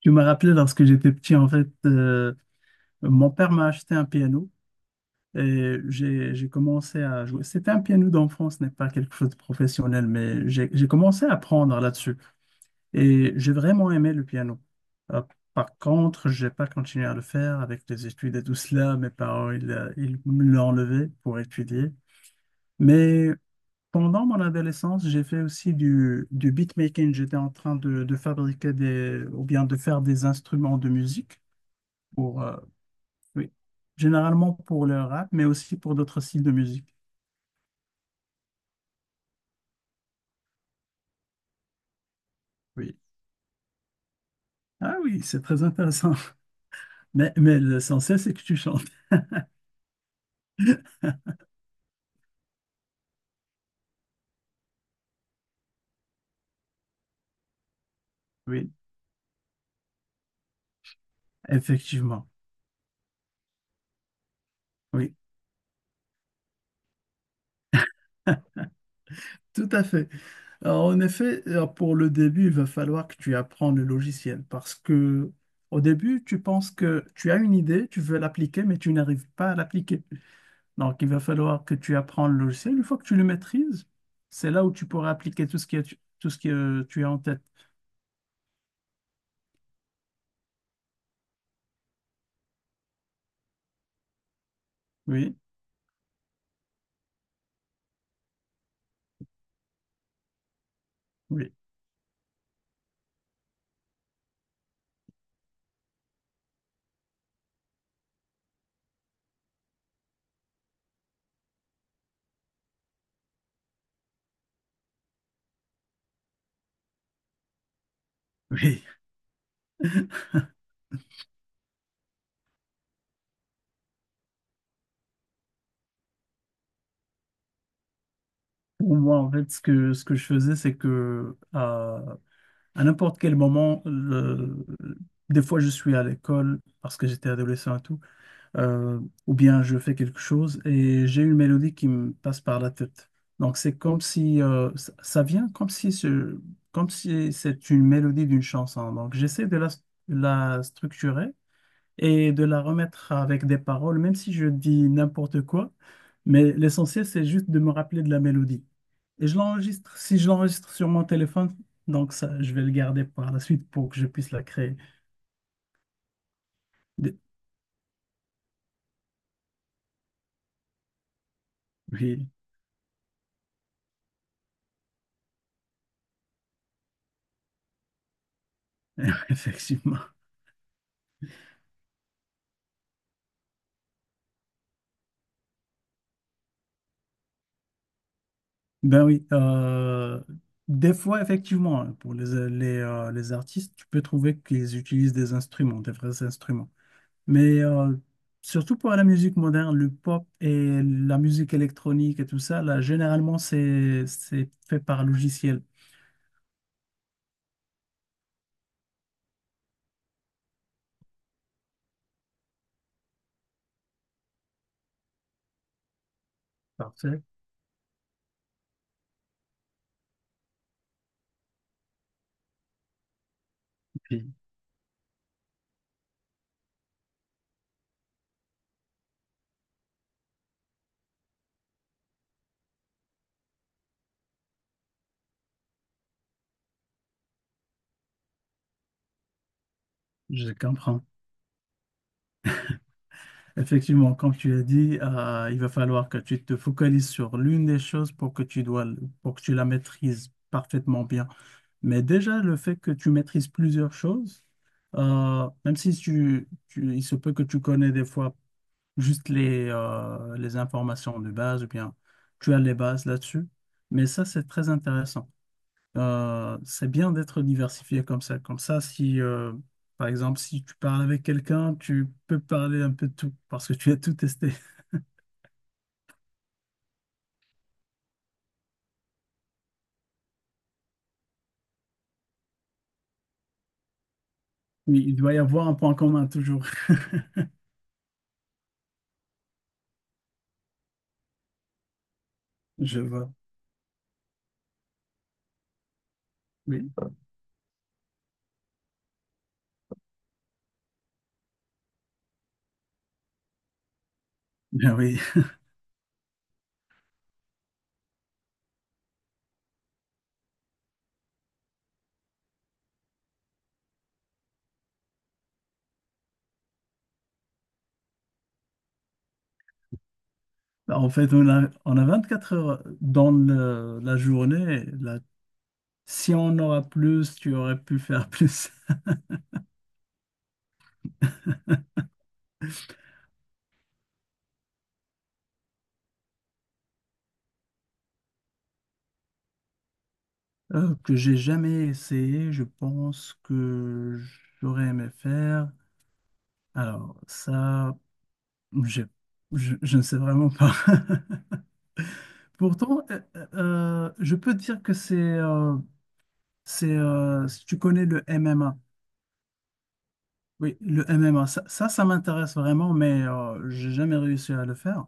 Tu m'as rappelé lorsque j'étais petit, en fait, mon père m'a acheté un piano et j'ai commencé à jouer. C'était un piano d'enfant, ce n'est pas quelque chose de professionnel, mais j'ai commencé à apprendre là-dessus et j'ai vraiment aimé le piano. Euh, Par contre, j'ai pas continué à le faire avec les études et tout cela. Mes parents, ils me l'ont enlevé pour étudier. Mais pendant mon adolescence, j'ai fait aussi du beatmaking. J'étais en train de fabriquer des, ou bien de faire des instruments de musique pour, oui. Généralement pour le rap, mais aussi pour d'autres styles de musique. Oui. Ah oui, c'est très intéressant. Mais l'essentiel, c'est que tu chantes. Oui, effectivement. Oui, tout à fait. Alors, en effet, alors, pour le début, il va falloir que tu apprennes le logiciel parce que au début, tu penses que tu as une idée, tu veux l'appliquer, mais tu n'arrives pas à l'appliquer. Donc, il va falloir que tu apprennes le logiciel. Une fois que tu le maîtrises, c'est là où tu pourras appliquer tout ce que tu as en tête. Oui, oui, oui. Pour moi, en fait, ce que je faisais, c'est que à n'importe quel moment, des fois je suis à l'école parce que j'étais adolescent et tout, euh, ou bien je fais quelque chose et j'ai une mélodie qui me passe par la tête. Donc c'est comme si ça vient comme si ce, comme si c'est une mélodie d'une chanson. Donc j'essaie la structurer et de la remettre avec des paroles, même si je dis n'importe quoi. Mais l'essentiel, c'est juste de me rappeler de la mélodie. Et je l'enregistre, si je l'enregistre sur mon téléphone, donc ça, je vais le garder par la suite pour que je puisse la créer. De- Oui, effectivement. Ben oui, des fois, effectivement, hein, pour les artistes, tu peux trouver qu'ils utilisent des instruments, des vrais instruments. Mais surtout pour la musique moderne, le pop et la musique électronique et tout ça, là, généralement, c'est fait par logiciel. Parfait. Puis, je comprends. Effectivement, comme tu as dit, il va falloir que tu te focalises sur l'une des choses pour que tu la maîtrises parfaitement bien. Mais déjà, le fait que tu maîtrises plusieurs choses, même si il se peut que tu connais des fois juste les informations de base, ou bien tu as les bases là-dessus, mais ça, c'est très intéressant. C'est bien d'être diversifié comme ça. Comme ça, si, par exemple, si tu parles avec quelqu'un, tu peux parler un peu de tout, parce que tu as tout testé. Oui, il doit y avoir un point commun toujours. Je vois. Oui. Ben oui, en fait, on a 24 heures dans la journée. Là, si on en aura plus, tu aurais pu faire plus. Que j'ai jamais essayé, je pense que j'aurais aimé faire. Alors, ça, j'ai- je ne sais vraiment pas. Pourtant, je peux te dire que c'est, si tu connais le MMA. Oui, le MMA, ça m'intéresse vraiment, mais j'ai jamais réussi à le faire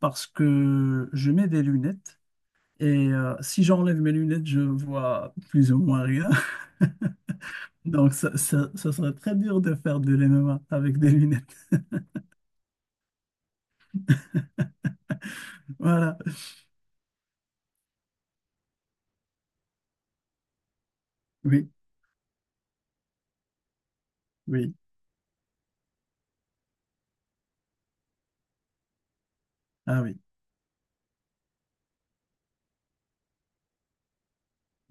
parce que je mets des lunettes et si j'enlève mes lunettes, je vois plus ou moins rien. Donc, ça serait très dur de faire de l'MMA avec des lunettes. Voilà. Oui, oui. Ah oui,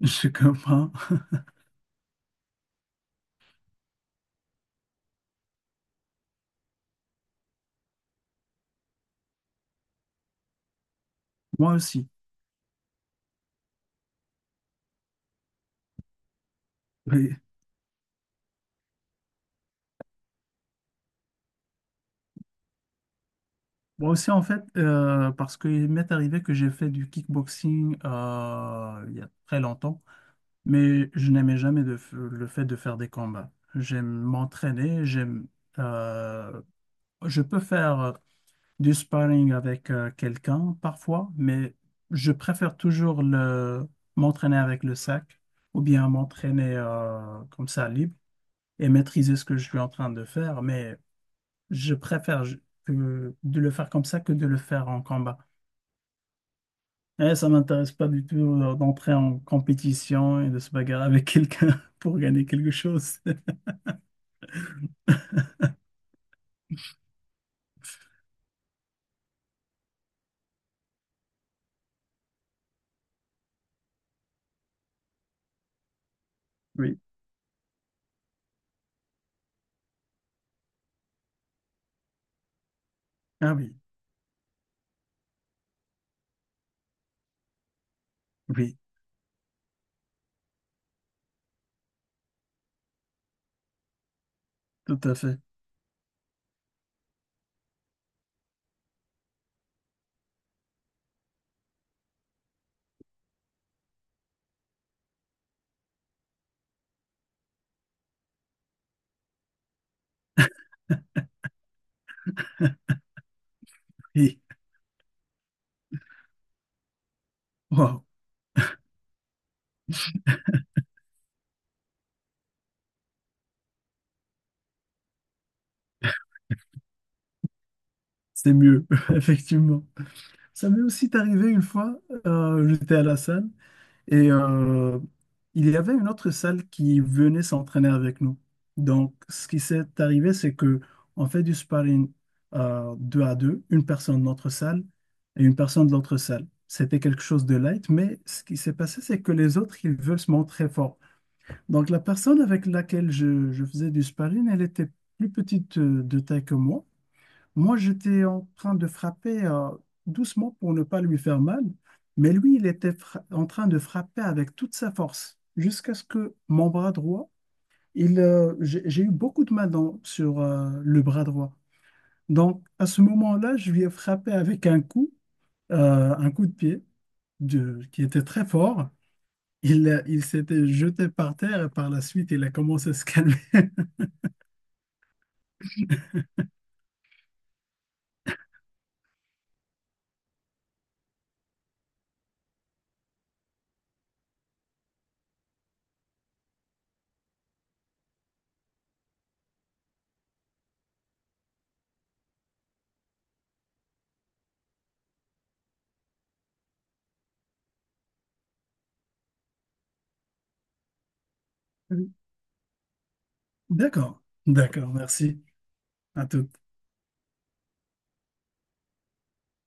je comprends. Moi aussi. Oui. Moi aussi, en fait, parce qu'il m'est arrivé que j'ai fait du kickboxing il y a très longtemps. Mais je n'aimais jamais le fait de faire des combats. J'aime, euh, je peux faire du sparring avec quelqu'un parfois, mais je préfère toujours m'entraîner avec le sac ou bien m'entraîner comme ça libre et maîtriser ce que je suis en train de faire. Mais je préfère je- que- de le faire comme ça que de le faire en combat. Et ça m'intéresse pas du tout d'entrer en compétition et de se bagarrer avec quelqu'un pour gagner quelque chose. Oui. Ah oui. Oui, tout à fait. Oui. Waouh. C'est mieux, effectivement. Ça m'est aussi arrivé une fois, j'étais à la salle et il y avait une autre salle qui venait s'entraîner avec nous. Donc, ce qui s'est arrivé, c'est que on fait du sparring deux à deux, une personne de notre salle et une personne de l'autre salle. C'était quelque chose de light, mais ce qui s'est passé, c'est que les autres, ils veulent se montrer forts. Donc, la personne avec laquelle je faisais du sparring, elle était plus petite de taille que moi. Moi, j'étais en train de frapper doucement pour ne pas lui faire mal, mais lui, en train de frapper avec toute sa force jusqu'à ce que mon bras droit, j'ai eu beaucoup de mal sur le bras droit. Donc, à ce moment-là, je lui ai frappé avec un coup de pied qui était très fort. Il s'était jeté par terre et par la suite, il a commencé à se calmer. Oui. D'accord, d'accord, merci. À tout.